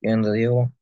¿Qué onda, Diego?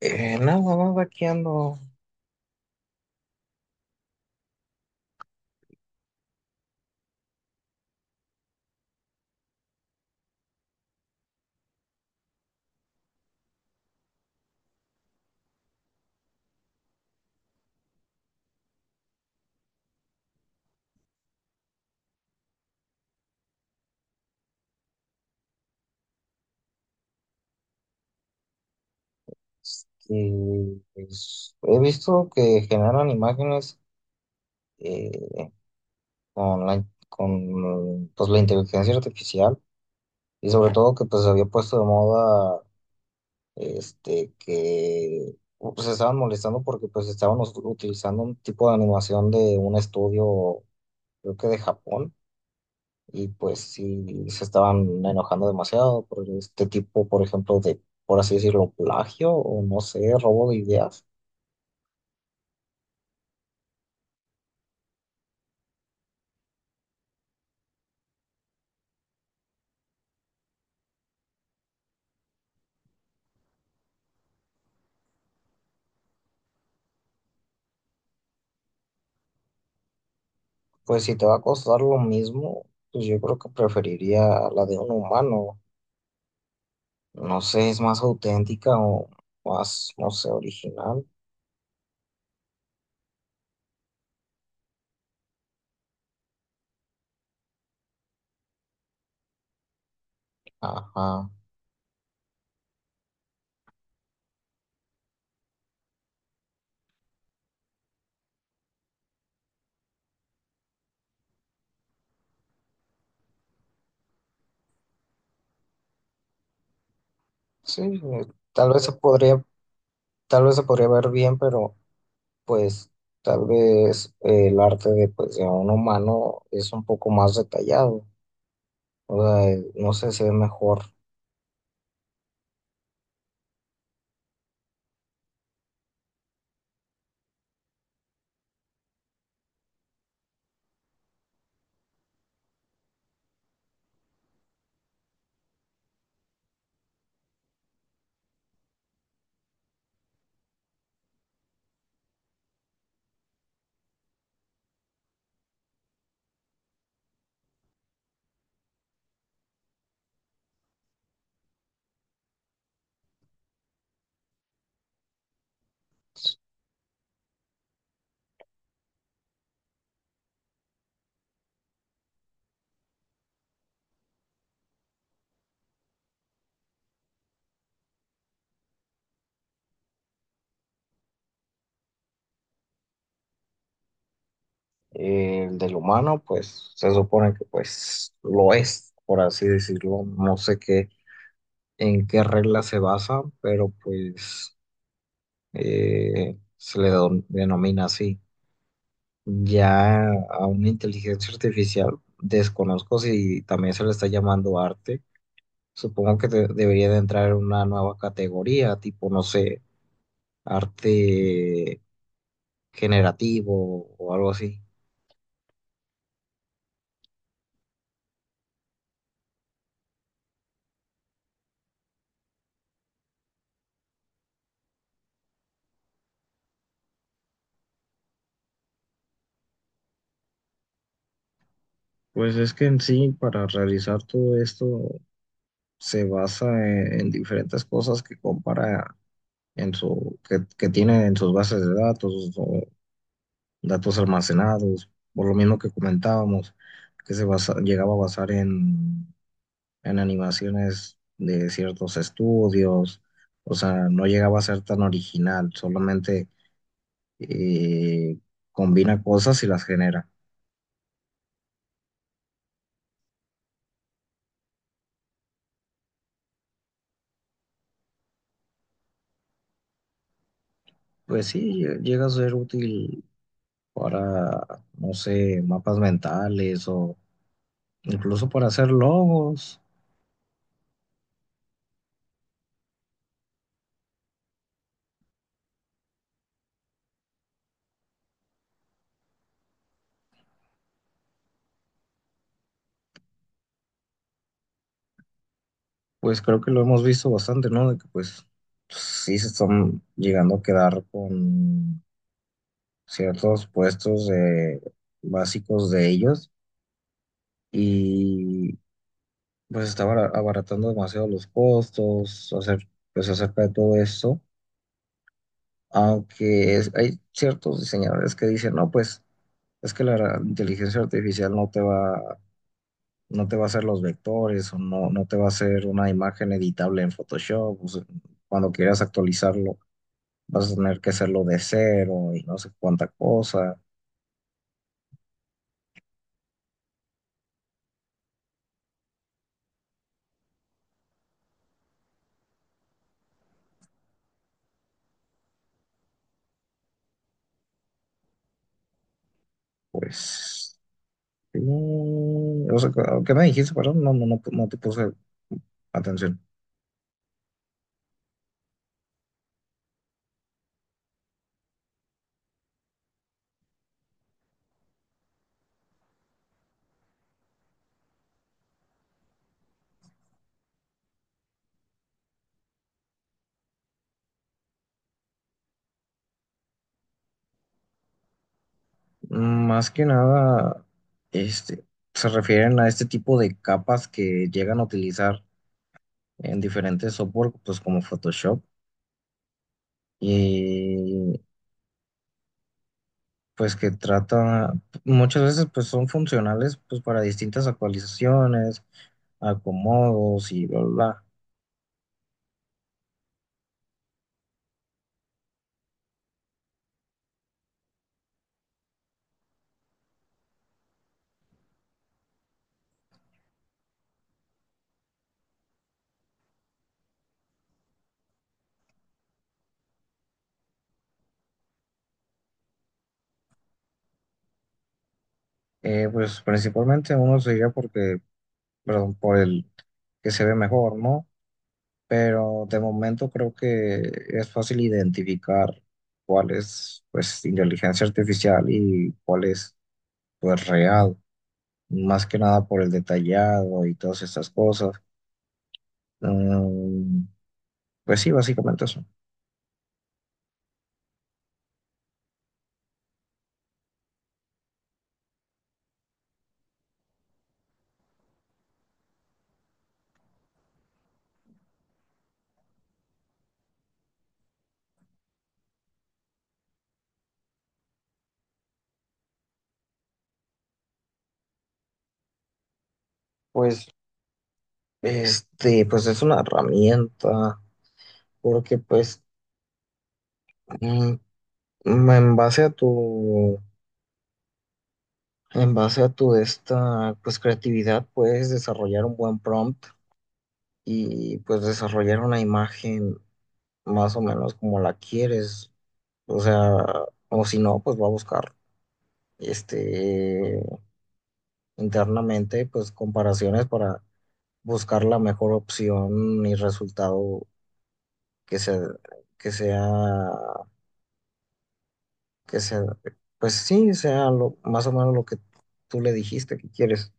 Nada más aquí ando. He visto que generan imágenes eh, con con pues, la inteligencia artificial y sobre todo que pues se había puesto de moda que pues, se estaban molestando porque pues estaban utilizando un tipo de animación de un estudio, creo que de Japón, y pues sí se estaban enojando demasiado por este tipo, por ejemplo, de, por así decirlo, plagio o no sé, robo de ideas. Pues si te va a costar lo mismo, pues yo creo que preferiría la de un humano. No sé, es más auténtica o más, no sé, original. Ajá. Sí, tal vez se podría, tal vez se podría ver bien, pero pues tal vez el arte de, pues, de un humano es un poco más detallado. O sea, no sé, se ve mejor. El del humano, pues se supone que pues lo es, por así decirlo. No sé qué, en qué regla se basa, pero pues se le denomina así. Ya a una inteligencia artificial, desconozco si también se le está llamando arte. Supongo que debería de entrar en una nueva categoría, tipo, no sé, arte generativo o algo así. Pues es que en sí, para realizar todo esto se basa en diferentes cosas que compara en su, que tiene en sus bases de datos o datos almacenados, por lo mismo que comentábamos, que se llegaba a basar en animaciones de ciertos estudios. O sea, no llegaba a ser tan original, solamente eh, combina cosas y las genera. Pues sí, llega a ser útil para, no sé, mapas mentales o incluso para hacer logos. Pues creo que lo hemos visto bastante, ¿no? De que pues sí se están llegando a quedar con ciertos puestos básicos de ellos, y pues está abaratando demasiado los costos, hacer, pues acerca de todo esto, aunque hay ciertos diseñadores que dicen, no, pues es que la inteligencia artificial no te va, no te va a hacer los vectores o no, no te va a hacer una imagen editable en Photoshop. O sea, cuando quieras actualizarlo, vas a tener que hacerlo de cero y no sé cuánta cosa. Pues, sí, o sea, ¿qué me dijiste? Perdón, no, no, no, no te puse atención. Más que nada, este, se refieren a este tipo de capas que llegan a utilizar en diferentes software, pues como Photoshop. Y pues que trata, muchas veces pues son funcionales pues para distintas actualizaciones, acomodos y bla, bla, bla. Pues principalmente uno se diría porque, perdón, por el que se ve mejor, ¿no? Pero de momento creo que es fácil identificar cuál es pues inteligencia artificial y cuál es pues real, más que nada por el detallado y todas estas cosas. Mm, pues sí, básicamente eso. pues Este, pues es una herramienta, porque pues mm, en base a tu, en base a tu esta, pues creatividad puedes desarrollar un buen prompt y pues desarrollar una imagen más o menos como la quieres, o sea, o si no, pues va a buscar este internamente pues comparaciones para buscar la mejor opción y resultado que se que sea que sea, pues sí, sea lo, más o menos lo que tú le dijiste que quieres.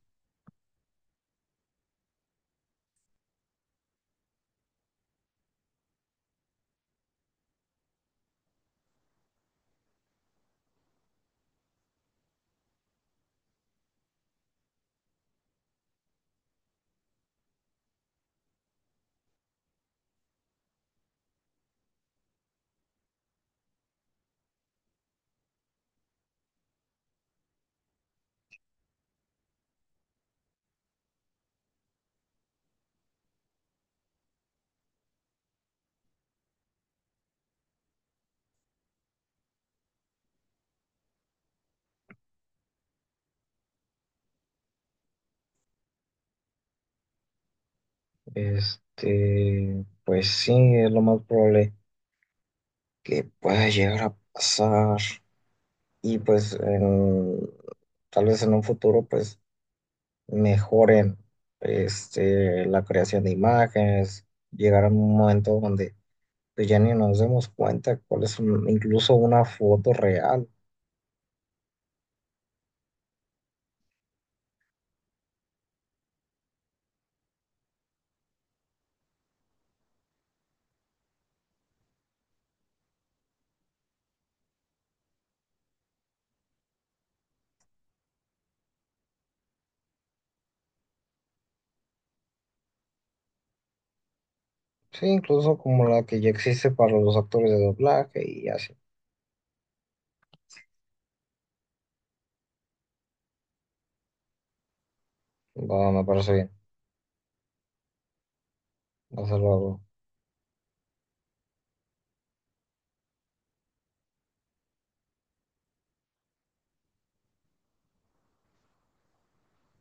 Este, pues sí, es lo más probable que pueda llegar a pasar. Y pues tal vez en un futuro, pues mejoren este, la creación de imágenes, llegar a un momento donde pues, ya ni nos demos cuenta cuál es incluso una foto real. Sí, incluso como la que ya existe para los actores de doblaje y así. Va, me parece bien. Hasta luego.